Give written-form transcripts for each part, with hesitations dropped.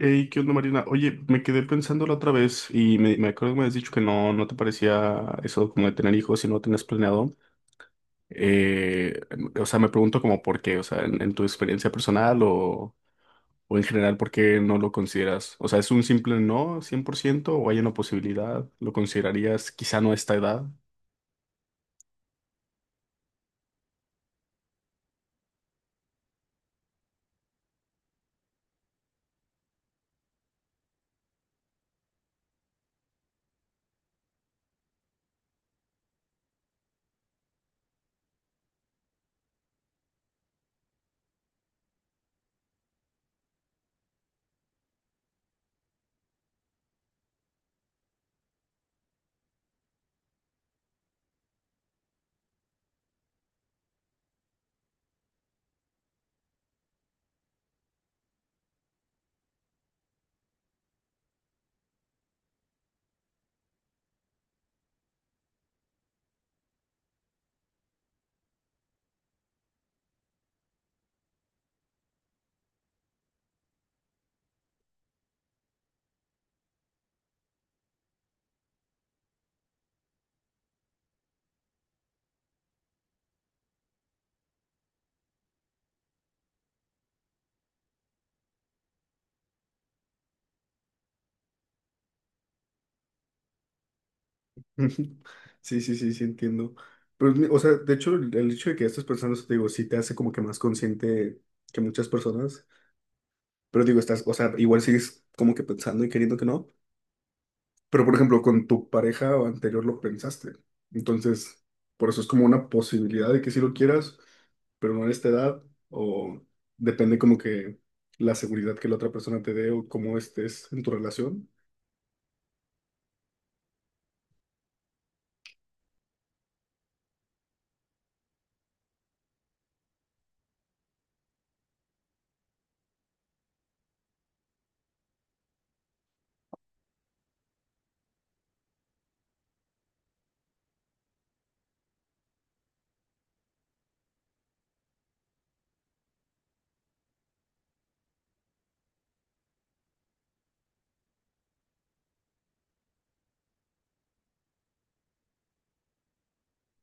Hey, ¿qué onda, Marina? Oye, me quedé pensando la otra vez y me acuerdo que me habías dicho que no te parecía eso como de tener hijos si no lo tenías planeado. Eh, o sea, me pregunto como por qué, o sea, en tu experiencia personal o, en general, ¿por qué no lo consideras? O sea, ¿es un simple no 100% o hay una posibilidad? ¿Lo considerarías quizá no a esta edad? Ujú. Sí, sí, sí, sí, entiendo. Pero, o sea, de hecho, el hecho de que estés pensando eso, te digo, sí te hace como que más consciente que muchas personas. Pero digo, estás, o sea, igual sigues como que pensando y queriendo que no. Pero por ejemplo, con tu pareja o anterior lo pensaste. Entonces, por eso es como una posibilidad de que sí lo quieras, pero no en esta edad. O depende como que la seguridad que la otra persona te dé o cómo estés en tu relación.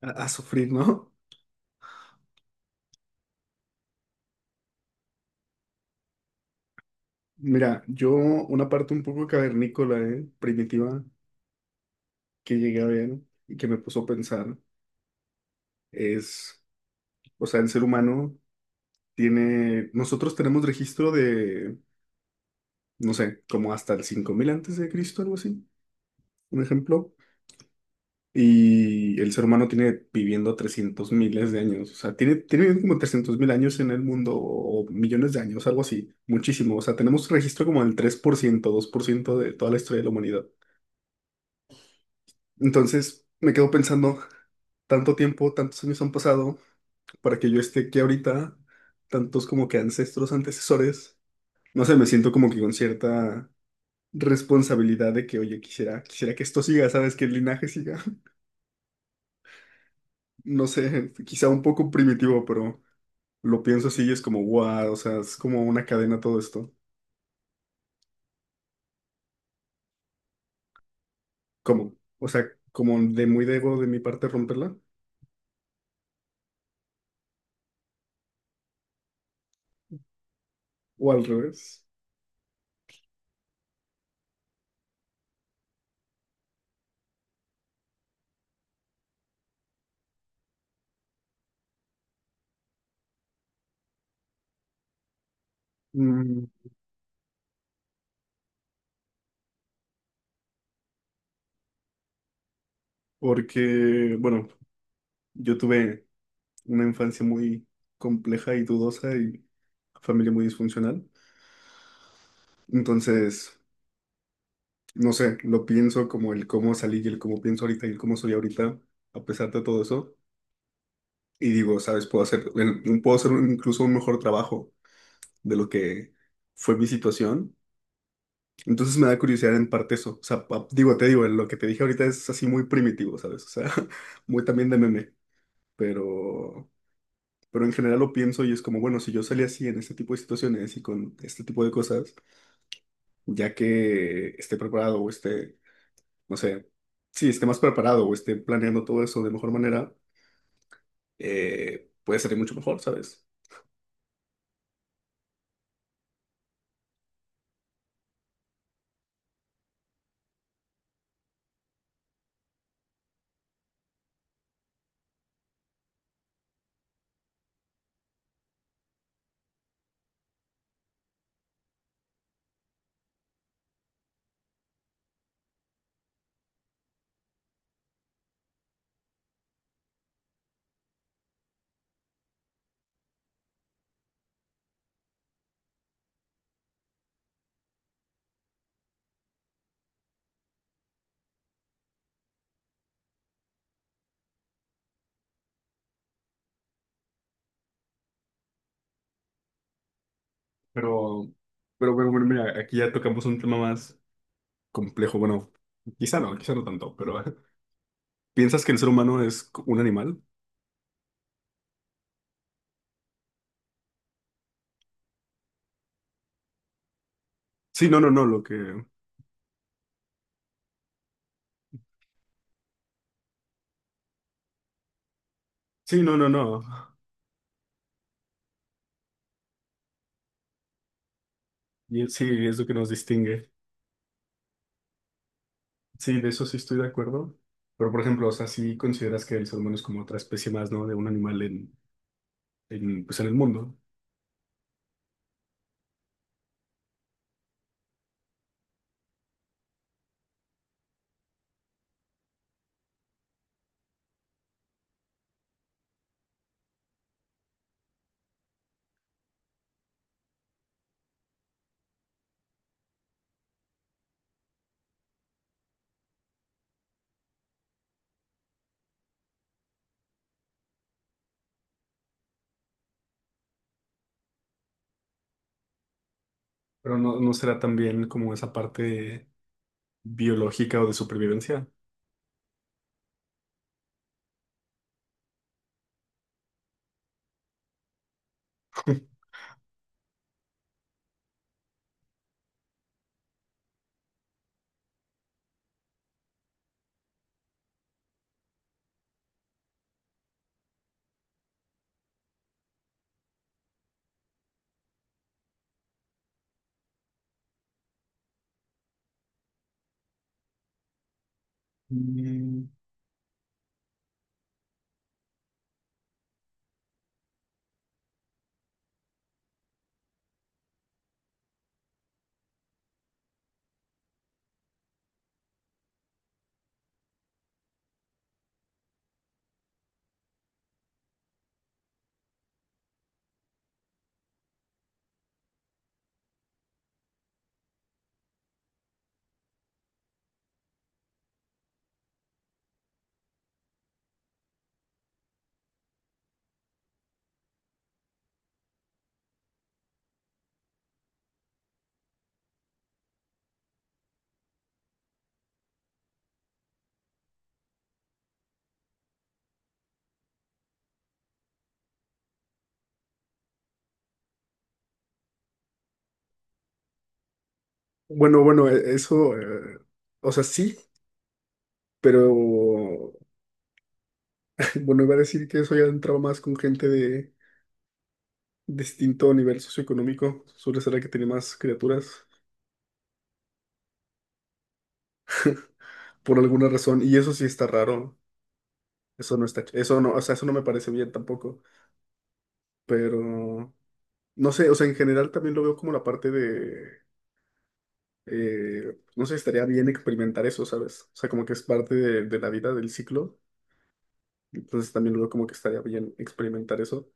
A sufrir, ¿no? Mira, yo una parte un poco cavernícola, ¿eh?, primitiva, que llegué a ver y que me puso a pensar es, o sea, el ser humano tiene, nosotros tenemos registro de no sé, como hasta el 5000 antes de Cristo, algo así, un ejemplo. Y el ser humano tiene viviendo 300 miles de años, o sea, tiene, tiene viviendo como 300,000 años en el mundo o millones de años, algo así, muchísimo. O sea, tenemos registro como del 3%, 2% de toda la historia de la humanidad. Entonces, me quedo pensando, tanto tiempo, tantos años han pasado para que yo esté aquí ahorita, tantos como que ancestros, antecesores. No sé, me siento como que con cierta responsabilidad de que, oye, quisiera que esto siga, ¿sabes? Que el linaje siga. No sé, quizá un poco primitivo, pero lo pienso así y es como, wow, o sea, es como una cadena todo esto. ¿Cómo? O sea, como de muy debo de mi parte romperla, o al revés. Mm, Porque, bueno, yo tuve una infancia muy compleja y dudosa y familia muy disfuncional. Entonces, no sé, lo pienso como el cómo salí y el cómo pienso ahorita y el cómo soy ahorita, a pesar de todo eso. Y digo, ¿sabes? Puedo hacer, puedo hacer incluso un mejor trabajo de lo que fue mi situación. Entonces me da curiosidad en parte eso. O sea, digo, te digo, lo que te dije ahorita es así muy primitivo, ¿sabes? O sea, muy también de meme. Pero, pero, en general lo pienso y es como, bueno, si yo salí así en este tipo de situaciones y con este tipo de cosas, ya que esté preparado o esté, no sé, sí, esté más preparado o esté planeando todo eso de mejor manera, puede salir mucho mejor, ¿sabes? Pero, pero, bueno, mira, aquí ya tocamos un tema más complejo. Bueno, quizá no tanto, pero ¿piensas que el ser humano es un animal? Sí, no, no, no, lo que... Sí, no, no, no. Y sí, es lo que nos distingue. Sí, de eso sí estoy de acuerdo. Pero, por ejemplo, o sea, sí consideras que el ser humano es como otra especie más, ¿no? De un animal en, pues en el mundo. Pero no será también como esa parte biológica o de supervivencia. Mm, Bueno, eso, o sea, sí, pero bueno, iba a decir que eso ya entraba más con gente de distinto nivel socioeconómico. Suele ser la que tiene más criaturas por alguna razón. Y eso sí está raro. Eso no está, eso no, o sea, eso no me parece bien tampoco. Pero, no sé, o sea, en general también lo veo como la parte de, no sé, estaría bien experimentar eso, ¿sabes? O sea, como que es parte de la vida, del ciclo. Entonces también lo veo como que estaría bien experimentar eso.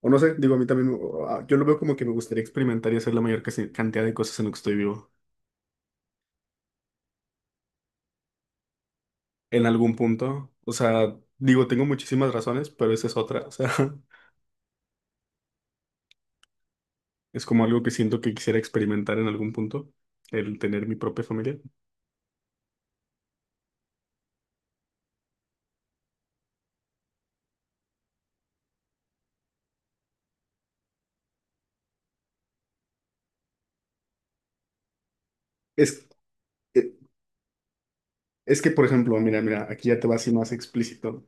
O no sé, digo, a mí también, yo lo veo como que me gustaría experimentar y hacer la mayor cantidad de cosas en lo que estoy vivo, en algún punto. O sea, digo, tengo muchísimas razones, pero esa es otra. O sea, es como algo que siento que quisiera experimentar en algún punto, el tener mi propia familia. Es, eh, es que, por ejemplo, mira, mira, aquí ya te va así más explícito.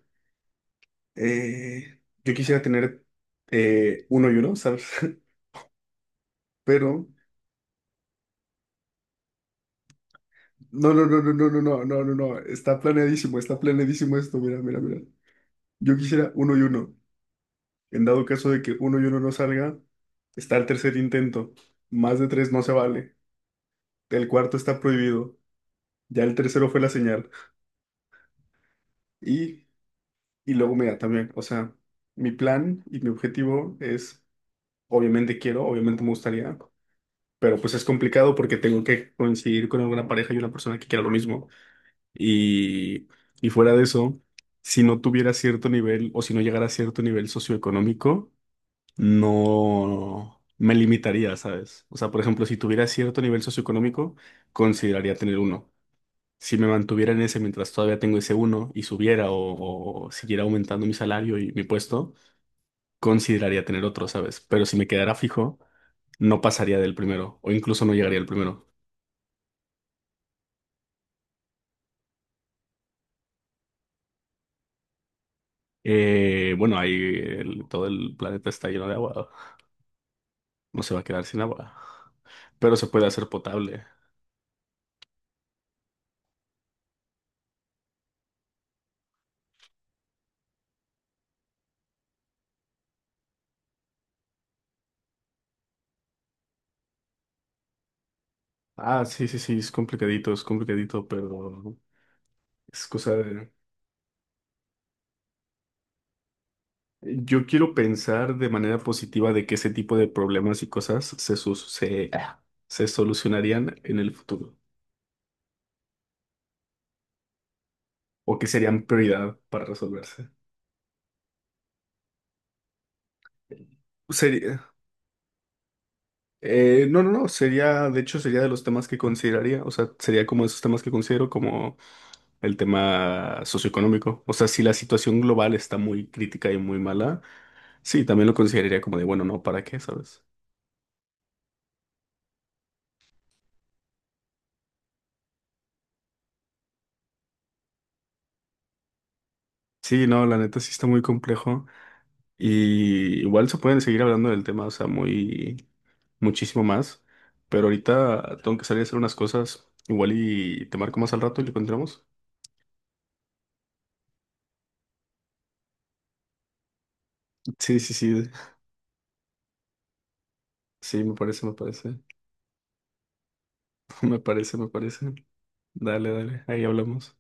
Yo quisiera tener uno y uno, ¿sabes? Pero, no, no, no, no, no, no, no, no, no, no, está planeadísimo esto, mira, mira, mira. Yo quisiera uno y uno. En dado caso de que uno y uno no salga, está el tercer intento. Más de tres no se vale. El cuarto está prohibido. Ya el tercero fue la señal. Y, y luego me da también. O sea, mi plan y mi objetivo es, obviamente quiero, obviamente me gustaría, pero pues es complicado porque tengo que coincidir con alguna pareja y una persona que quiera lo mismo. Y, y fuera de eso, si no tuviera cierto nivel o si no llegara a cierto nivel socioeconómico, no me limitaría, ¿sabes? O sea, por ejemplo, si tuviera cierto nivel socioeconómico, consideraría tener uno. Si me mantuviera en ese mientras todavía tengo ese uno y subiera o siguiera aumentando mi salario y mi puesto, consideraría tener otro, ¿sabes? Pero si me quedara fijo, no pasaría del primero o incluso no llegaría al primero. Bueno, ahí todo el planeta está lleno de agua, no se va a quedar sin agua, pero se puede hacer potable. Ah, sí, sí, sí, es complicadito, pero es cosa de... Yo quiero pensar de manera positiva de que ese tipo de problemas y cosas se, su- se, ah, se solucionarían en el futuro o que serían prioridad para resolverse. Sería... no, no, no, sería, de hecho, sería de los temas que consideraría, o sea, sería como esos temas que considero como el tema socioeconómico. O sea, si la situación global está muy crítica y muy mala, sí, también lo consideraría como de, bueno, no, ¿para qué? ¿Sabes? Sí, no, la neta sí está muy complejo. Y igual se pueden seguir hablando del tema, o sea, muy, muchísimo más. Pero ahorita tengo que salir a hacer unas cosas. Igual y te marco más al rato y lo encontramos. Sí, sí, sí. Sí, me parece, me parece. Me parece, me parece. Dale, dale. Ahí hablamos.